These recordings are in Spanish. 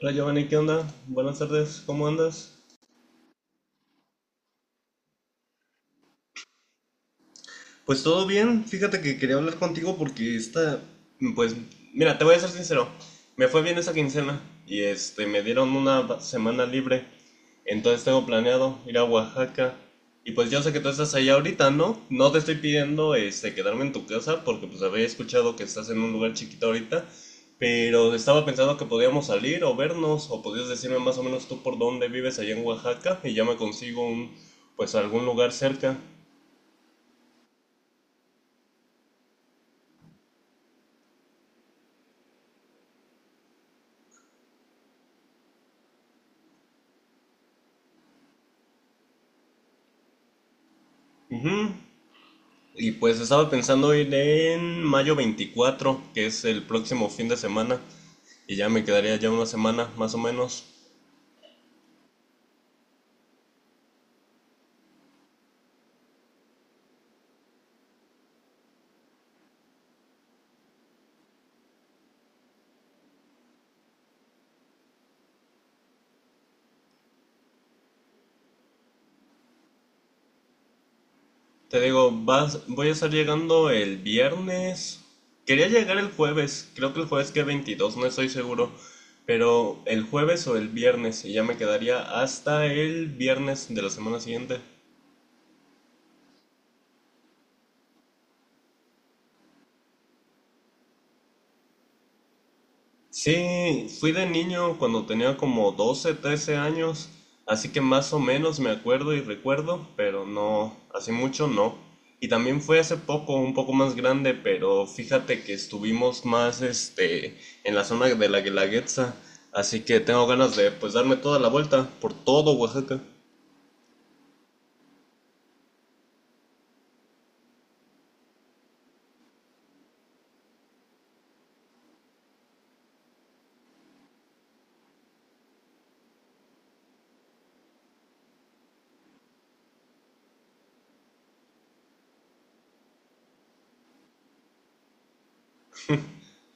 Hola Giovanni, ¿qué onda? Buenas tardes, ¿cómo andas? Pues todo bien, fíjate que quería hablar contigo porque pues, mira, te voy a ser sincero, me fue bien esa quincena y me dieron una semana libre, entonces tengo planeado ir a Oaxaca y pues yo sé que tú estás allá ahorita, ¿no? No te estoy pidiendo, quedarme en tu casa porque pues había escuchado que estás en un lugar chiquito ahorita, pero estaba pensando que podíamos salir o vernos o podías decirme más o menos tú por dónde vives allá en Oaxaca y ya me consigo pues algún lugar cerca. Ujú. Y pues estaba pensando ir en mayo 24, que es el próximo fin de semana, y ya me quedaría ya una semana más o menos. Te digo, voy a estar llegando el viernes. Quería llegar el jueves, creo que el jueves que 22, no estoy seguro, pero el jueves o el viernes, y ya me quedaría hasta el viernes de la semana siguiente. Sí, fui de niño cuando tenía como 12, 13 años, así que más o menos me acuerdo y recuerdo, pero no, hace mucho no. Y también fue hace poco, un poco más grande, pero fíjate que estuvimos más en la zona de la Guelaguetza, así que tengo ganas de pues darme toda la vuelta por todo Oaxaca.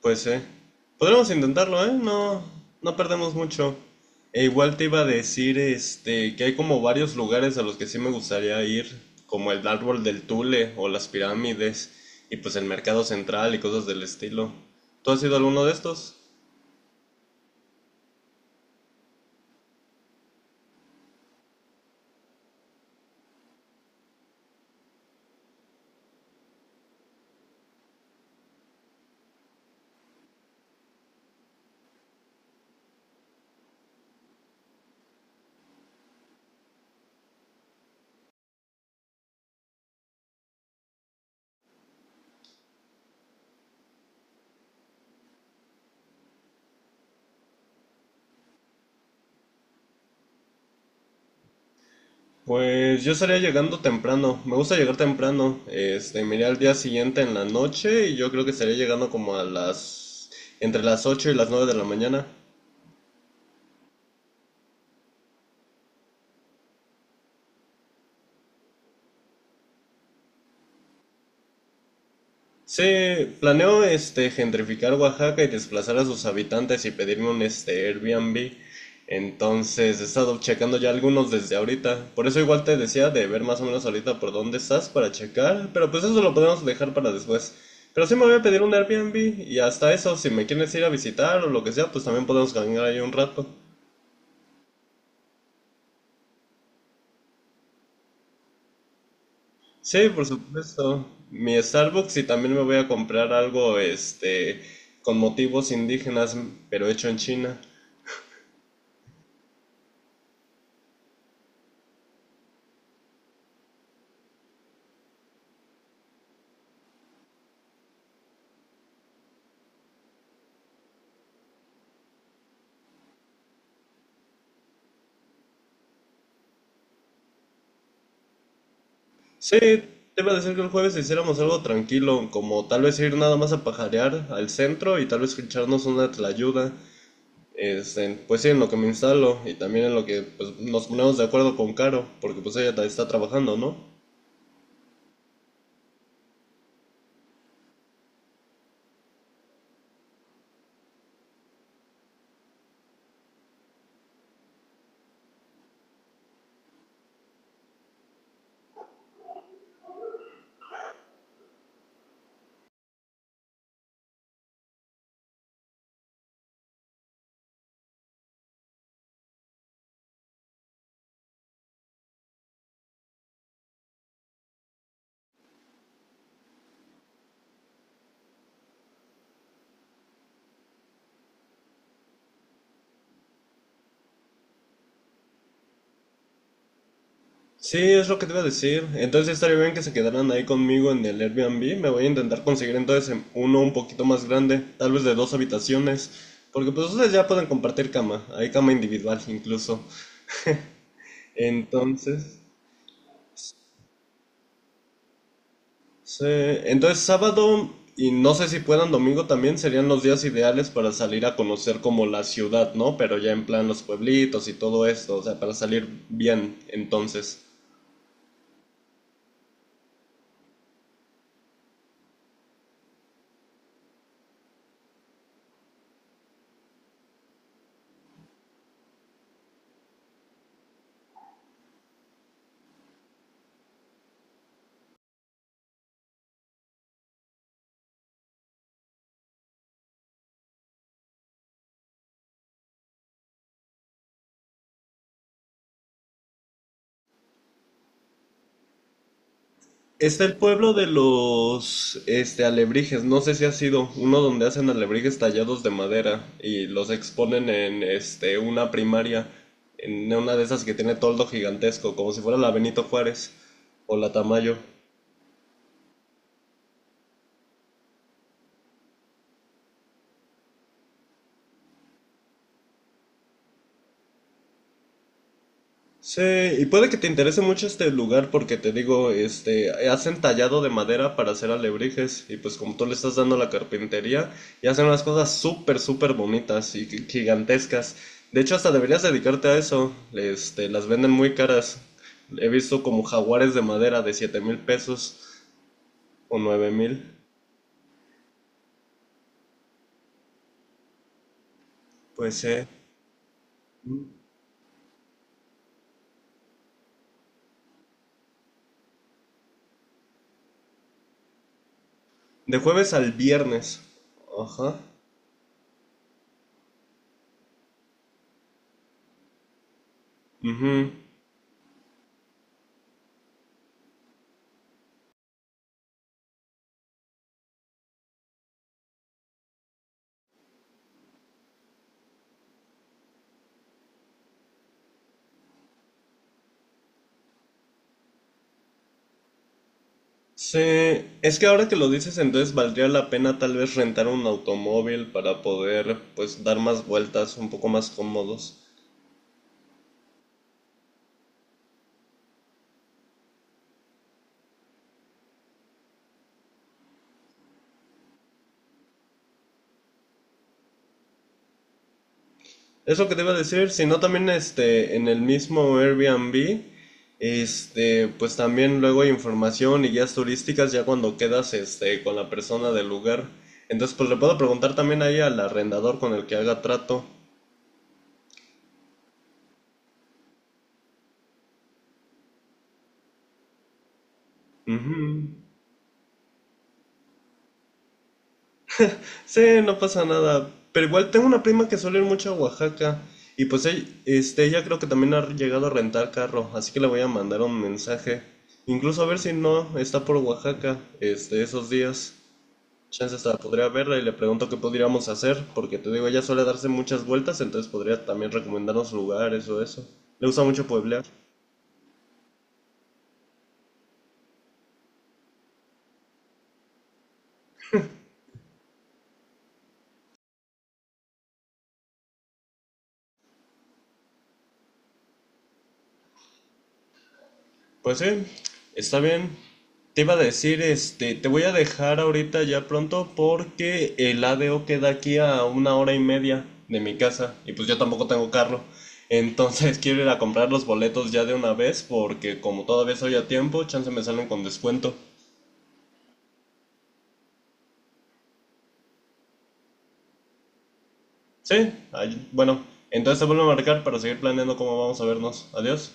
Pues sí. Podremos intentarlo, ¿eh? No, no perdemos mucho. E igual te iba a decir, que hay como varios lugares a los que sí me gustaría ir, como el árbol del Tule o las pirámides y pues el mercado central y cosas del estilo. ¿Tú has ido a alguno de estos? Pues yo estaría llegando temprano. Me gusta llegar temprano. Me iré al día siguiente en la noche y yo creo que estaría llegando como a las entre las 8 y las 9 de la mañana. Sí, planeo gentrificar Oaxaca y desplazar a sus habitantes y pedirme un Airbnb. Entonces he estado checando ya algunos desde ahorita. Por eso igual te decía de ver más o menos ahorita por dónde estás para checar. Pero pues eso lo podemos dejar para después. Pero sí me voy a pedir un Airbnb y hasta eso, si me quieres ir a visitar o lo que sea, pues también podemos caminar ahí un rato. Sí, por supuesto. Mi Starbucks y también me voy a comprar algo con motivos indígenas, pero hecho en China. Sí, te iba a decir que el jueves hiciéramos algo tranquilo, como tal vez ir nada más a pajarear al centro y tal vez echarnos una tlayuda. Pues sí, en lo que me instalo y también en lo que pues, nos ponemos de acuerdo con Caro, porque pues ella está trabajando, ¿no? Sí, es lo que te iba a decir. Entonces sí estaría bien que se quedaran ahí conmigo en el Airbnb. Me voy a intentar conseguir entonces uno un poquito más grande, tal vez de dos habitaciones, porque pues ustedes ya pueden compartir cama, hay cama individual incluso. Entonces. Sí, entonces sábado, y no sé si puedan domingo también, serían los días ideales para salir a conocer como la ciudad, ¿no? Pero ya en plan los pueblitos y todo esto, o sea, para salir bien entonces. Está el pueblo de los alebrijes, no sé si ha sido uno donde hacen alebrijes tallados de madera y los exponen en una primaria, en una de esas que tiene toldo gigantesco, como si fuera la Benito Juárez o la Tamayo. Sí, y puede que te interese mucho este lugar porque te digo, hacen tallado de madera para hacer alebrijes y pues como tú le estás dando la carpintería, y hacen unas cosas súper, súper bonitas y gigantescas. De hecho, hasta deberías dedicarte a eso. Las venden muy caras. He visto como jaguares de madera de 7,000 pesos o 9,000. Pues de jueves al viernes. Ajá. Ujú. Sí, es que ahora que lo dices, entonces valdría la pena tal vez rentar un automóvil para poder pues dar más vueltas un poco más cómodos. Es lo que te iba a decir, si no también en el mismo Airbnb, pues también luego hay información y guías turísticas ya cuando quedas con la persona del lugar. Entonces pues le puedo preguntar también ahí al arrendador con el que haga trato. Ujú. Sí, no pasa nada. Pero igual tengo una prima que suele ir mucho a Oaxaca. Y pues ella creo que también ha llegado a rentar carro. Así que le voy a mandar un mensaje. Incluso a ver si no está por Oaxaca, esos días. Chance hasta podría verla y le pregunto qué podríamos hacer. Porque te digo, ella suele darse muchas vueltas. Entonces podría también recomendarnos lugares o eso. Le gusta mucho pueblear. Pues sí, está bien. Te iba a decir, te voy a dejar ahorita ya pronto porque el ADO queda aquí a una hora y media de mi casa y pues yo tampoco tengo carro. Entonces quiero ir a comprar los boletos ya de una vez porque como todavía soy a tiempo, chance me salen con descuento. Sí, bueno, entonces te vuelvo a marcar para seguir planeando cómo vamos a vernos. Adiós.